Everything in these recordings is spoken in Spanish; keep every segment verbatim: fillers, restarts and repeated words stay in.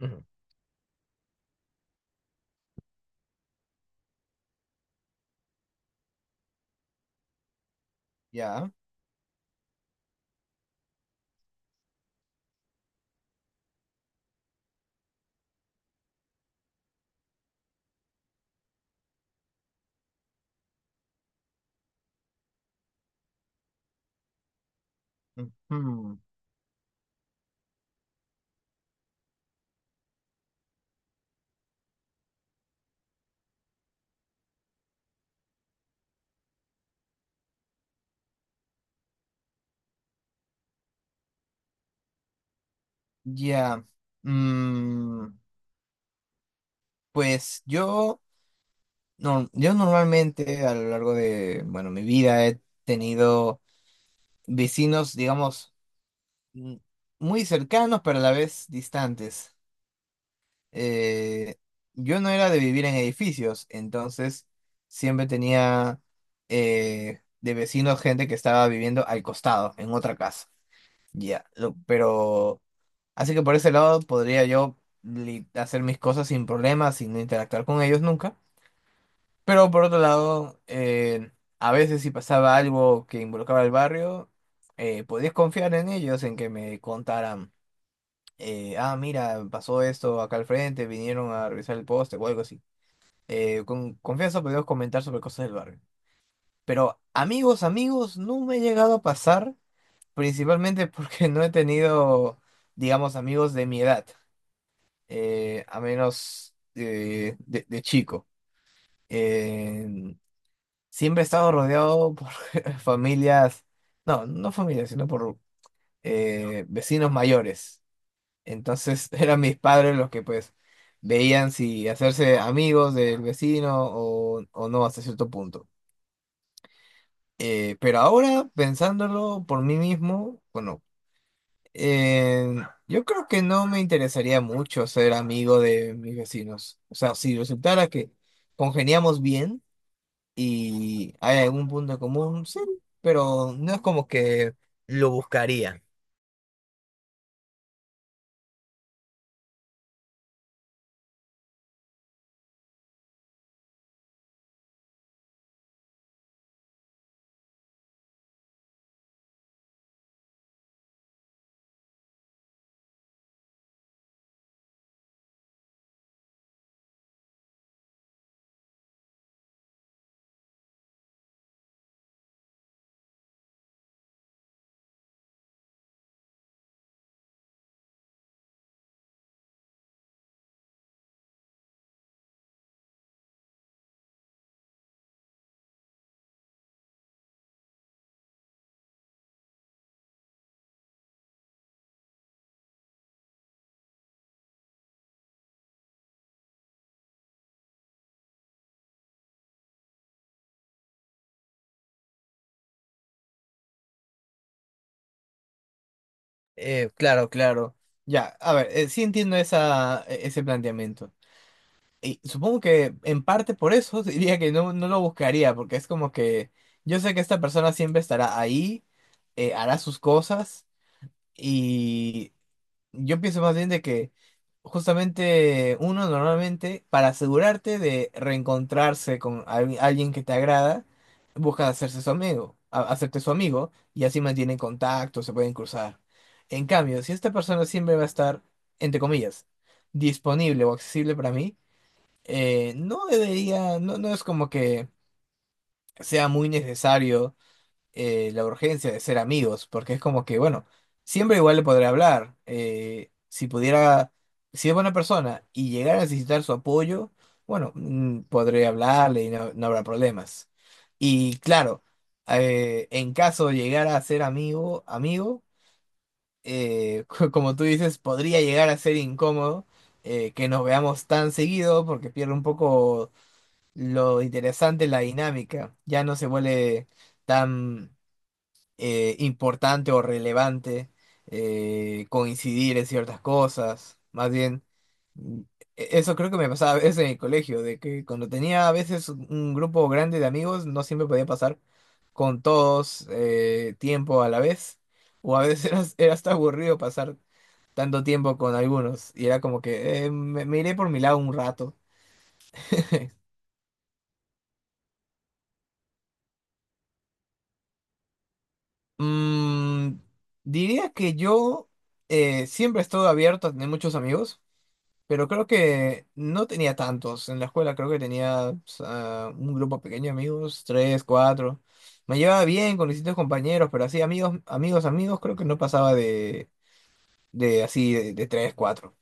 Ujú. Ya. Ujú. Ya. Mm, pues yo, no, yo normalmente a lo largo de, bueno, mi vida he tenido vecinos, digamos, mm, muy cercanos, pero a la vez distantes. Eh, yo no era de vivir en edificios, entonces siempre tenía eh, de vecinos gente que estaba viviendo al costado, en otra casa. Ya, lo- pero... Así que por ese lado podría yo li- hacer mis cosas sin problemas, sin interactuar con ellos nunca. Pero por otro lado, eh, a veces si pasaba algo que involucraba el barrio, eh, podías confiar en ellos, en que me contaran, eh, ah, mira, pasó esto acá al frente, vinieron a revisar el poste o algo así. Eh, con confianza podíamos comentar sobre cosas del barrio. Pero amigos, amigos, no me he llegado a pasar, principalmente porque no he tenido, digamos, amigos de mi edad. eh, a menos eh, de, de chico. Eh, siempre he estado rodeado por familias, no, no familias, sino por eh, vecinos mayores. Entonces eran mis padres los que pues veían si hacerse amigos del vecino o, o no hasta cierto punto. Eh, pero ahora, pensándolo por mí mismo, bueno, Eh, yo creo que no me interesaría mucho ser amigo de mis vecinos. O sea, si resultara que congeniamos bien y hay algún punto en común, sí, pero no es como que lo buscaría. Eh, claro, claro. Ya, a ver, eh, sí entiendo esa, e- ese planteamiento. Y supongo que en parte por eso diría que no, no lo buscaría, porque es como que yo sé que esta persona siempre estará ahí, eh, hará sus cosas. Y yo pienso más bien de que justamente uno normalmente, para asegurarte de reencontrarse con al- alguien que te agrada, busca hacerse su amigo, a- hacerte su amigo y así mantienen contacto, se pueden cruzar. En cambio, si esta persona siempre va a estar, entre comillas, disponible o accesible para mí, eh, no debería, no, no es como que sea muy necesario eh, la urgencia de ser amigos, porque es como que, bueno, siempre igual le podré hablar. Eh, si pudiera, si es buena persona y llegar a necesitar su apoyo, bueno, mm, podré hablarle y no, no habrá problemas. Y claro, eh, en caso de llegar a ser amigo, amigo, eh, co- como tú dices, podría llegar a ser incómodo. Eh, que nos veamos tan seguido porque pierde un poco lo interesante la dinámica, ya no se vuelve tan eh, importante o relevante eh, coincidir en ciertas cosas. Más bien, mm, e- eso creo que me pasaba a veces en el colegio, de que cuando tenía a veces un un grupo grande de amigos, no siempre podía pasar con todos eh, tiempo a la vez, o a veces era, era hasta aburrido pasar tanto tiempo con algunos, y era como que eh, me, me iré por mi lado un rato. Mm, diría que yo eh, siempre estoy abierto a tener muchos amigos. Pero creo que no tenía tantos. En la escuela creo que tenía pues, ah, un grupo pequeño de amigos, tres, cuatro. Me llevaba bien con distintos compañeros, pero así amigos, amigos, amigos, creo que no pasaba de, de así, de, de tres, cuatro.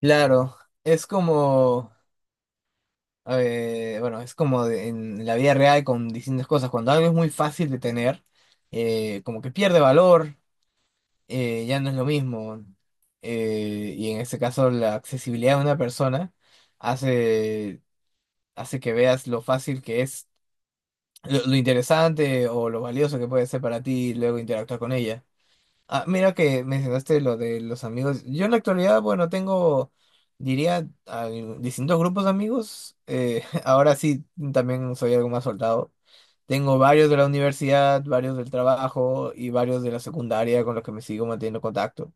Claro, es como, eh, bueno, es como de- en la vida real con distintas cosas. Cuando algo es muy fácil de tener, eh, como que pierde valor, eh, ya no es lo mismo. Eh, y en este caso, la accesibilidad de una persona hace hace que veas lo fácil que es, lo, lo interesante o lo valioso que puede ser para ti y luego interactuar con ella. Ah, mira que mencionaste lo de los amigos. Yo en la actualidad, bueno, tengo, diría, al- distintos grupos de amigos. Eh, ahora sí, también soy algo más soltado. Tengo varios de la universidad, varios del trabajo y varios de la secundaria con los que me sigo manteniendo contacto.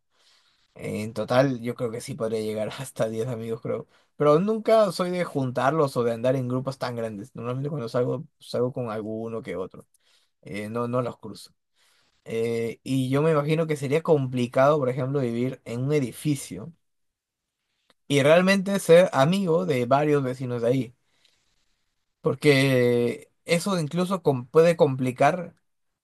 En total, yo creo que sí podría llegar hasta diez amigos, creo. Pero nunca soy de juntarlos o de andar en grupos tan grandes. Normalmente cuando salgo, salgo con alguno que otro. Eh, no, no los cruzo. Eh, y yo me imagino que sería complicado, por ejemplo, vivir en un edificio y realmente ser amigo de varios vecinos de ahí. Porque eso incluso com- puede complicar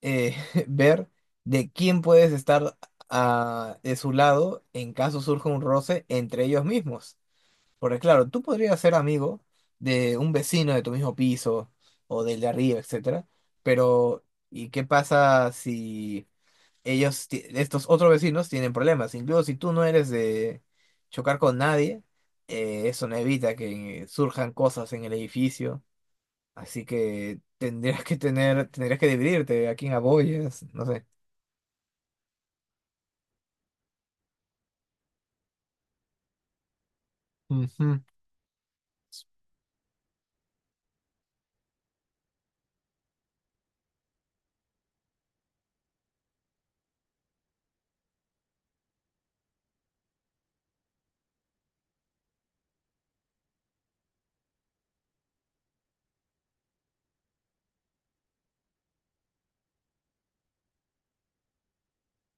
eh, ver de quién puedes estar a, de su lado en caso surja un roce entre ellos mismos. Porque claro, tú podrías ser amigo de un vecino de tu mismo piso o del de arriba, etcétera, pero ¿y qué pasa si ellos, ti- estos otros vecinos tienen problemas? Incluso si tú no eres de chocar con nadie, eh, eso no evita que surjan cosas en el edificio, así que tendrías que tener, tendrías que dividirte a quién apoyas, no sé. Ujú.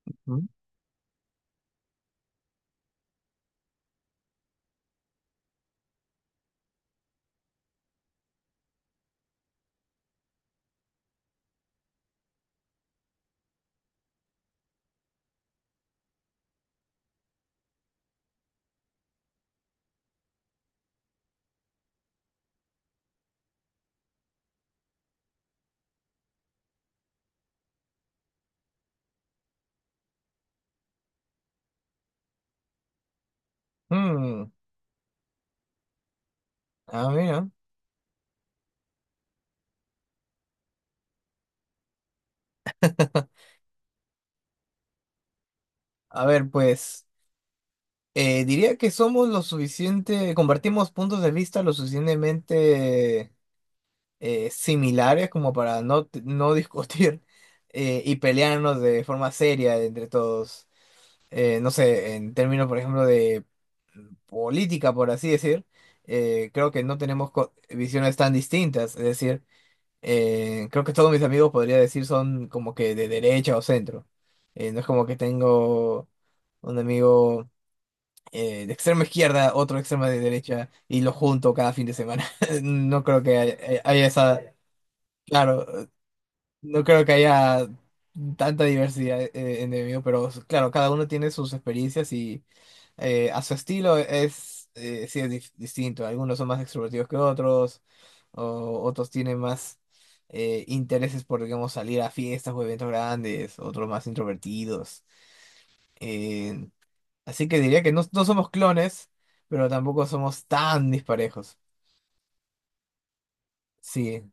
Ujú. Mm. Ah, mira. A ver, pues. Eh, diría que somos lo suficiente, compartimos puntos de vista lo suficientemente eh, similares como para no, t- no discutir eh, y pelearnos de forma seria entre todos. Eh, no sé, en términos, por ejemplo, de política, por así decir, eh, creo que no tenemos co- visiones tan distintas. Es decir, eh, creo que todos mis amigos podría decir son como que de derecha o centro. Eh, no es como que tengo un amigo eh, de extremo izquierda, otro extremo de derecha, y lo junto cada fin de semana. No creo que haya, eh, haya esa, claro, eh, no creo que haya tanta diversidad eh, eh, en el mío, pero claro, cada uno tiene sus experiencias y eh, a su estilo es, eh, sí es dif- distinto. Algunos son más extrovertidos que otros, o otros tienen más... eh, intereses por, digamos, salir a fiestas o eventos grandes, otros más introvertidos. eh, Así que diría que no, no somos clones, pero tampoco somos tan disparejos. Sí.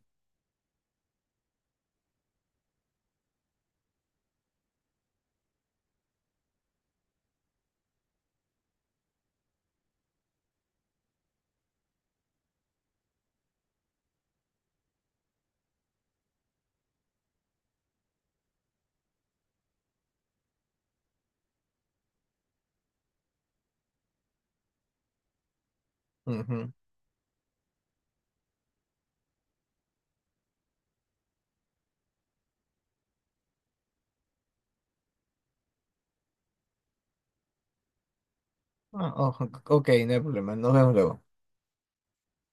Ujú. Ah, ojo, ok, no hay problema. Nos vemos luego.